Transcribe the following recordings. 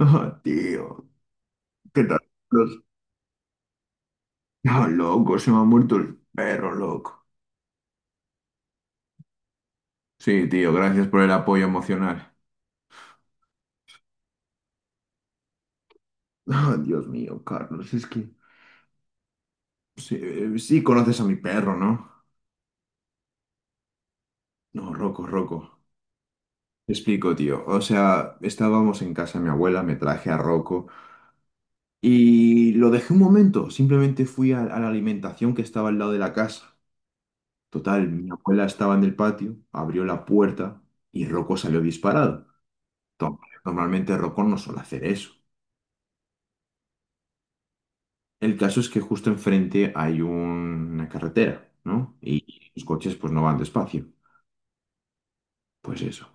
Ah, tío, ¿qué tal? Los... Ah, loco, se me ha muerto el perro, loco. Sí, tío, gracias por el apoyo emocional. Ah, Dios mío, Carlos, es que... Sí, sí conoces a mi perro, ¿no? No, Rocco. Te explico, tío. O sea, estábamos en casa de mi abuela, me traje a Rocco y lo dejé un momento. Simplemente fui a la alimentación que estaba al lado de la casa. Total, mi abuela estaba en el patio, abrió la puerta y Rocco salió disparado. to- Normalmente Rocón no suele hacer eso. El caso es que justo enfrente hay una carretera, ¿no? Y los coches pues no van despacio. Pues eso.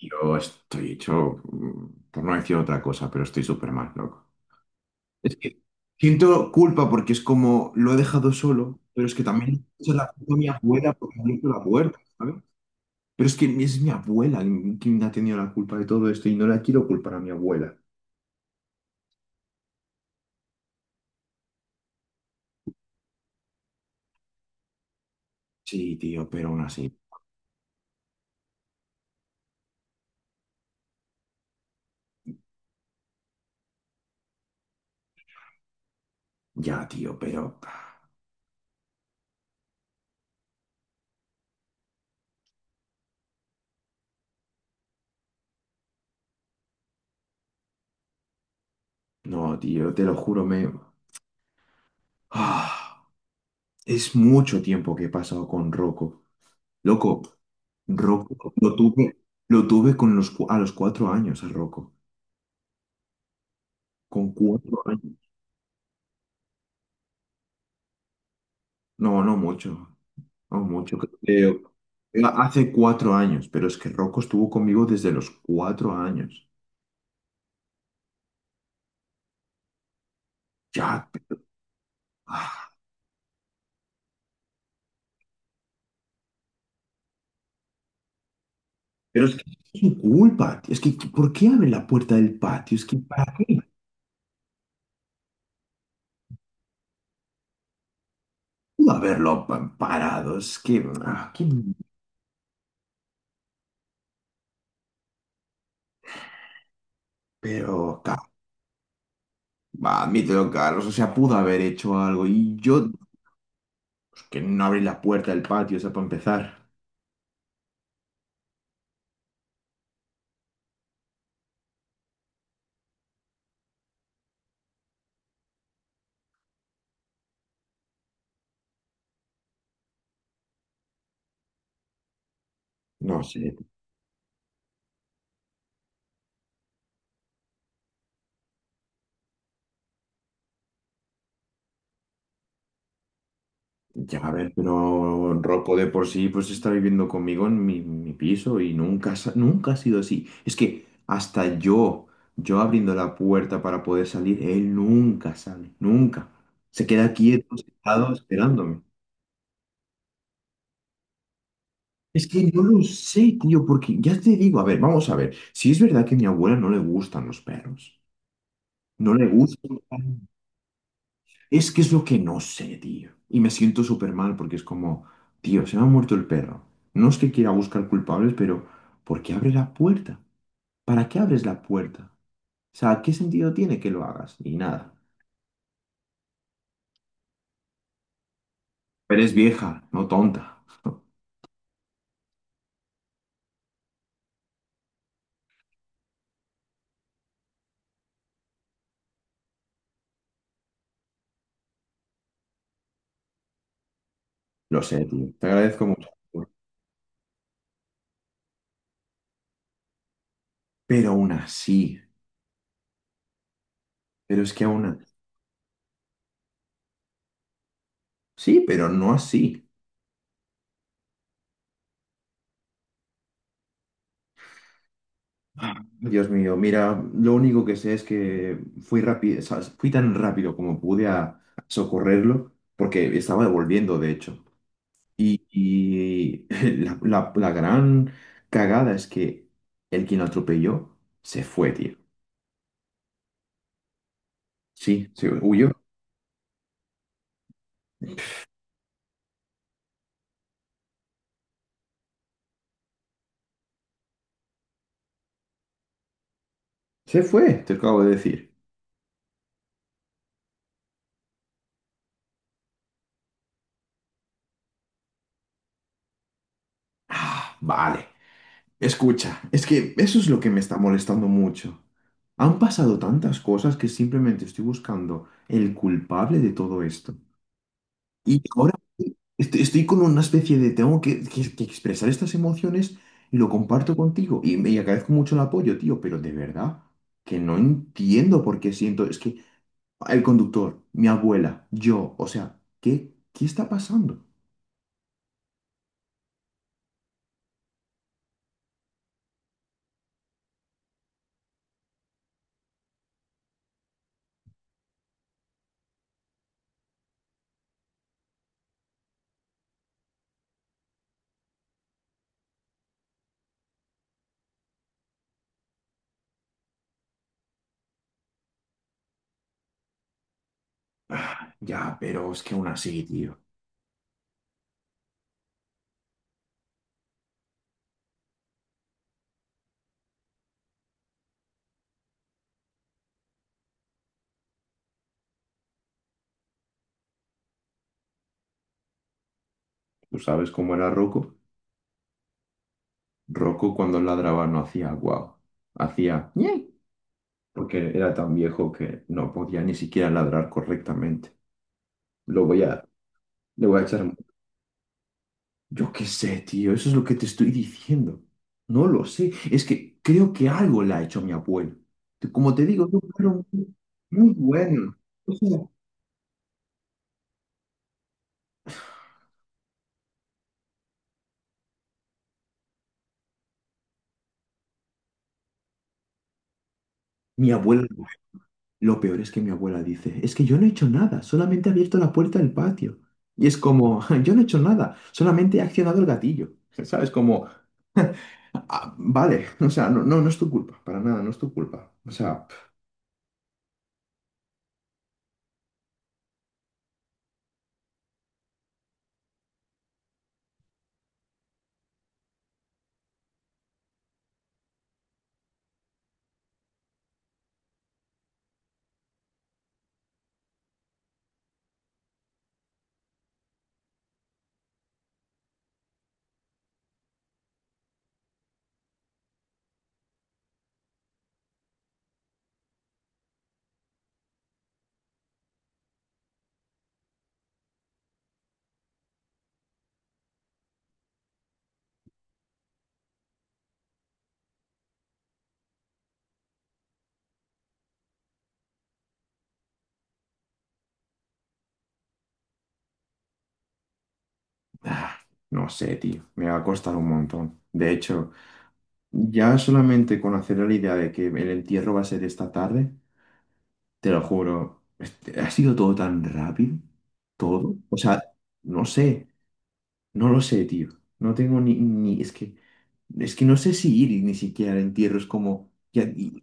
Yo estoy hecho, por no decir otra cosa, pero estoy súper mal, loco. Es que siento culpa porque es como lo he dejado solo, pero es que también es la culpa de mi abuela porque me hizo la puerta, ¿sabes? Pero es que es mi abuela quien ha tenido la culpa de todo esto y no la quiero culpar a mi abuela. Sí, tío, pero aún así. Ya, tío, pero... No, tío, te lo juro, me... Ah, es mucho tiempo que he pasado con Rocco. Loco, Rocco, lo tuve, lo tuve con a los cuatro años a Rocco. Con cuatro años. No, no mucho, no mucho. Creo hace cuatro años, pero es que Rocco estuvo conmigo desde los cuatro años. Ya, pe- ah, pero es que es su culpa, tío. Es que, ¿por qué abre la puerta del patio? Es que, ¿para qué? Parado. Es que, ah, qué- Pero, va, admítelo, Carlos. O sea, pudo haber hecho algo. Y yo, pues, que no abrí la puerta del patio, o sea, para empezar. No sé, ya a ver, pero Rocco de por sí, pues está viviendo conmigo en mi piso y nunca ha sido así. Es que hasta yo abriendo la puerta para poder salir, él nunca sale, nunca. Se queda quieto, sentado, esperándome. Es que no lo sé, tío, porque ya te digo, a ver, vamos a ver. Si es verdad que a mi abuela no le gustan los perros. No le gustan. Es que es lo que no sé, tío. Y me siento súper mal porque es como, tío, se me ha muerto el perro. No es que quiera buscar culpables, pero ¿por qué abres la puerta? ¿Para qué abres la puerta? O sea, ¿qué sentido tiene que lo hagas? Ni nada. Pero es vieja, no tonta. Lo sé, tío. Te agradezco mucho. Pero aún así. Pero es que aún así. Sí, pero no así. Dios mío, mira, lo único que sé es que fui rápido, fui tan rápido como pude a socorrerlo, porque estaba devolviendo, de hecho. Y la gran cagada es que el quien lo atropelló se fue, tío. Sí, se huyó. Se fue, te acabo de decir. Ah, vale. Escucha, es que eso es lo que me está molestando mucho. Han pasado tantas cosas que simplemente estoy buscando el culpable de todo esto. Y ahora estoy con una especie de, tengo que expresar estas emociones y lo comparto contigo. Y me y agradezco mucho el apoyo, tío, pero de verdad que no entiendo por qué siento, es que el conductor, mi abuela, yo, o sea, qué está pasando? Ah, ya, pero es que aún así, tío. ¿Tú sabes cómo era Rocco? Rocco cuando ladraba no hacía guau, hacía ñe, porque era tan viejo que no podía ni siquiera ladrar correctamente. Lo voy a, le voy a echar. Yo qué sé, tío, eso es lo que te estoy diciendo. No lo sé, es que creo que algo le ha hecho a mi abuelo. Como te digo, no fueron muy buenos. O sea, mi abuela, lo peor es que mi abuela dice, es que yo no he hecho nada, solamente he abierto la puerta del patio. Y es como, yo no he hecho nada, solamente he accionado el gatillo. ¿Sabes? Como, "Ah, vale, o sea, no es tu culpa, para nada, no es tu culpa. O sea, ah, no sé, tío, me va a costar un montón. De hecho... Ya solamente con hacer la idea de que el entierro va a ser esta tarde, te lo juro, este, ha sido todo tan rápido, todo. O sea, no sé, no lo sé, tío. No tengo es que no sé si ir y ni siquiera al entierro es como,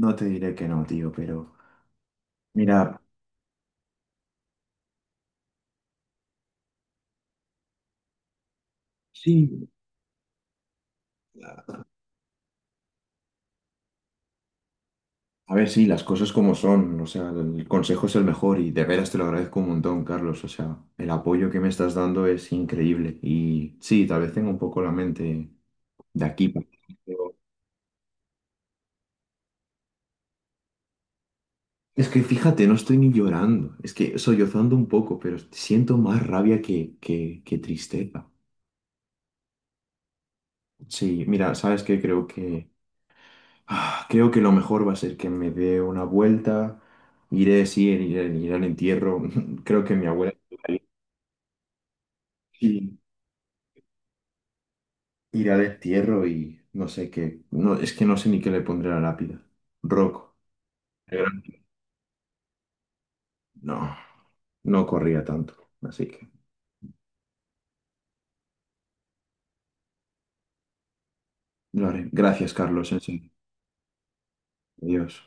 no te diré que no, tío, pero mira, sí, a ver, sí, las cosas como son, o sea, el consejo es el mejor y de veras te lo agradezco un montón, Carlos, o sea, el apoyo que me estás dando es increíble y sí, tal vez tengo un poco la mente. De aquí para pero- Es que fíjate, no estoy ni llorando. Es que sollozando un poco, pero siento más rabia que tristeza. Sí, mira, ¿sabes qué? Creo que, ah, creo que lo mejor va a ser que me dé una vuelta. Iré, sí, iré al entierro. Creo que mi abuela... estuvo ahí. Sí, iré al entierro y no sé qué. No, es que no sé ni qué le pondré a la lápida. Rocco. No, no corría tanto. Así que lo haré. Gracias, Carlos. En serio. Adiós.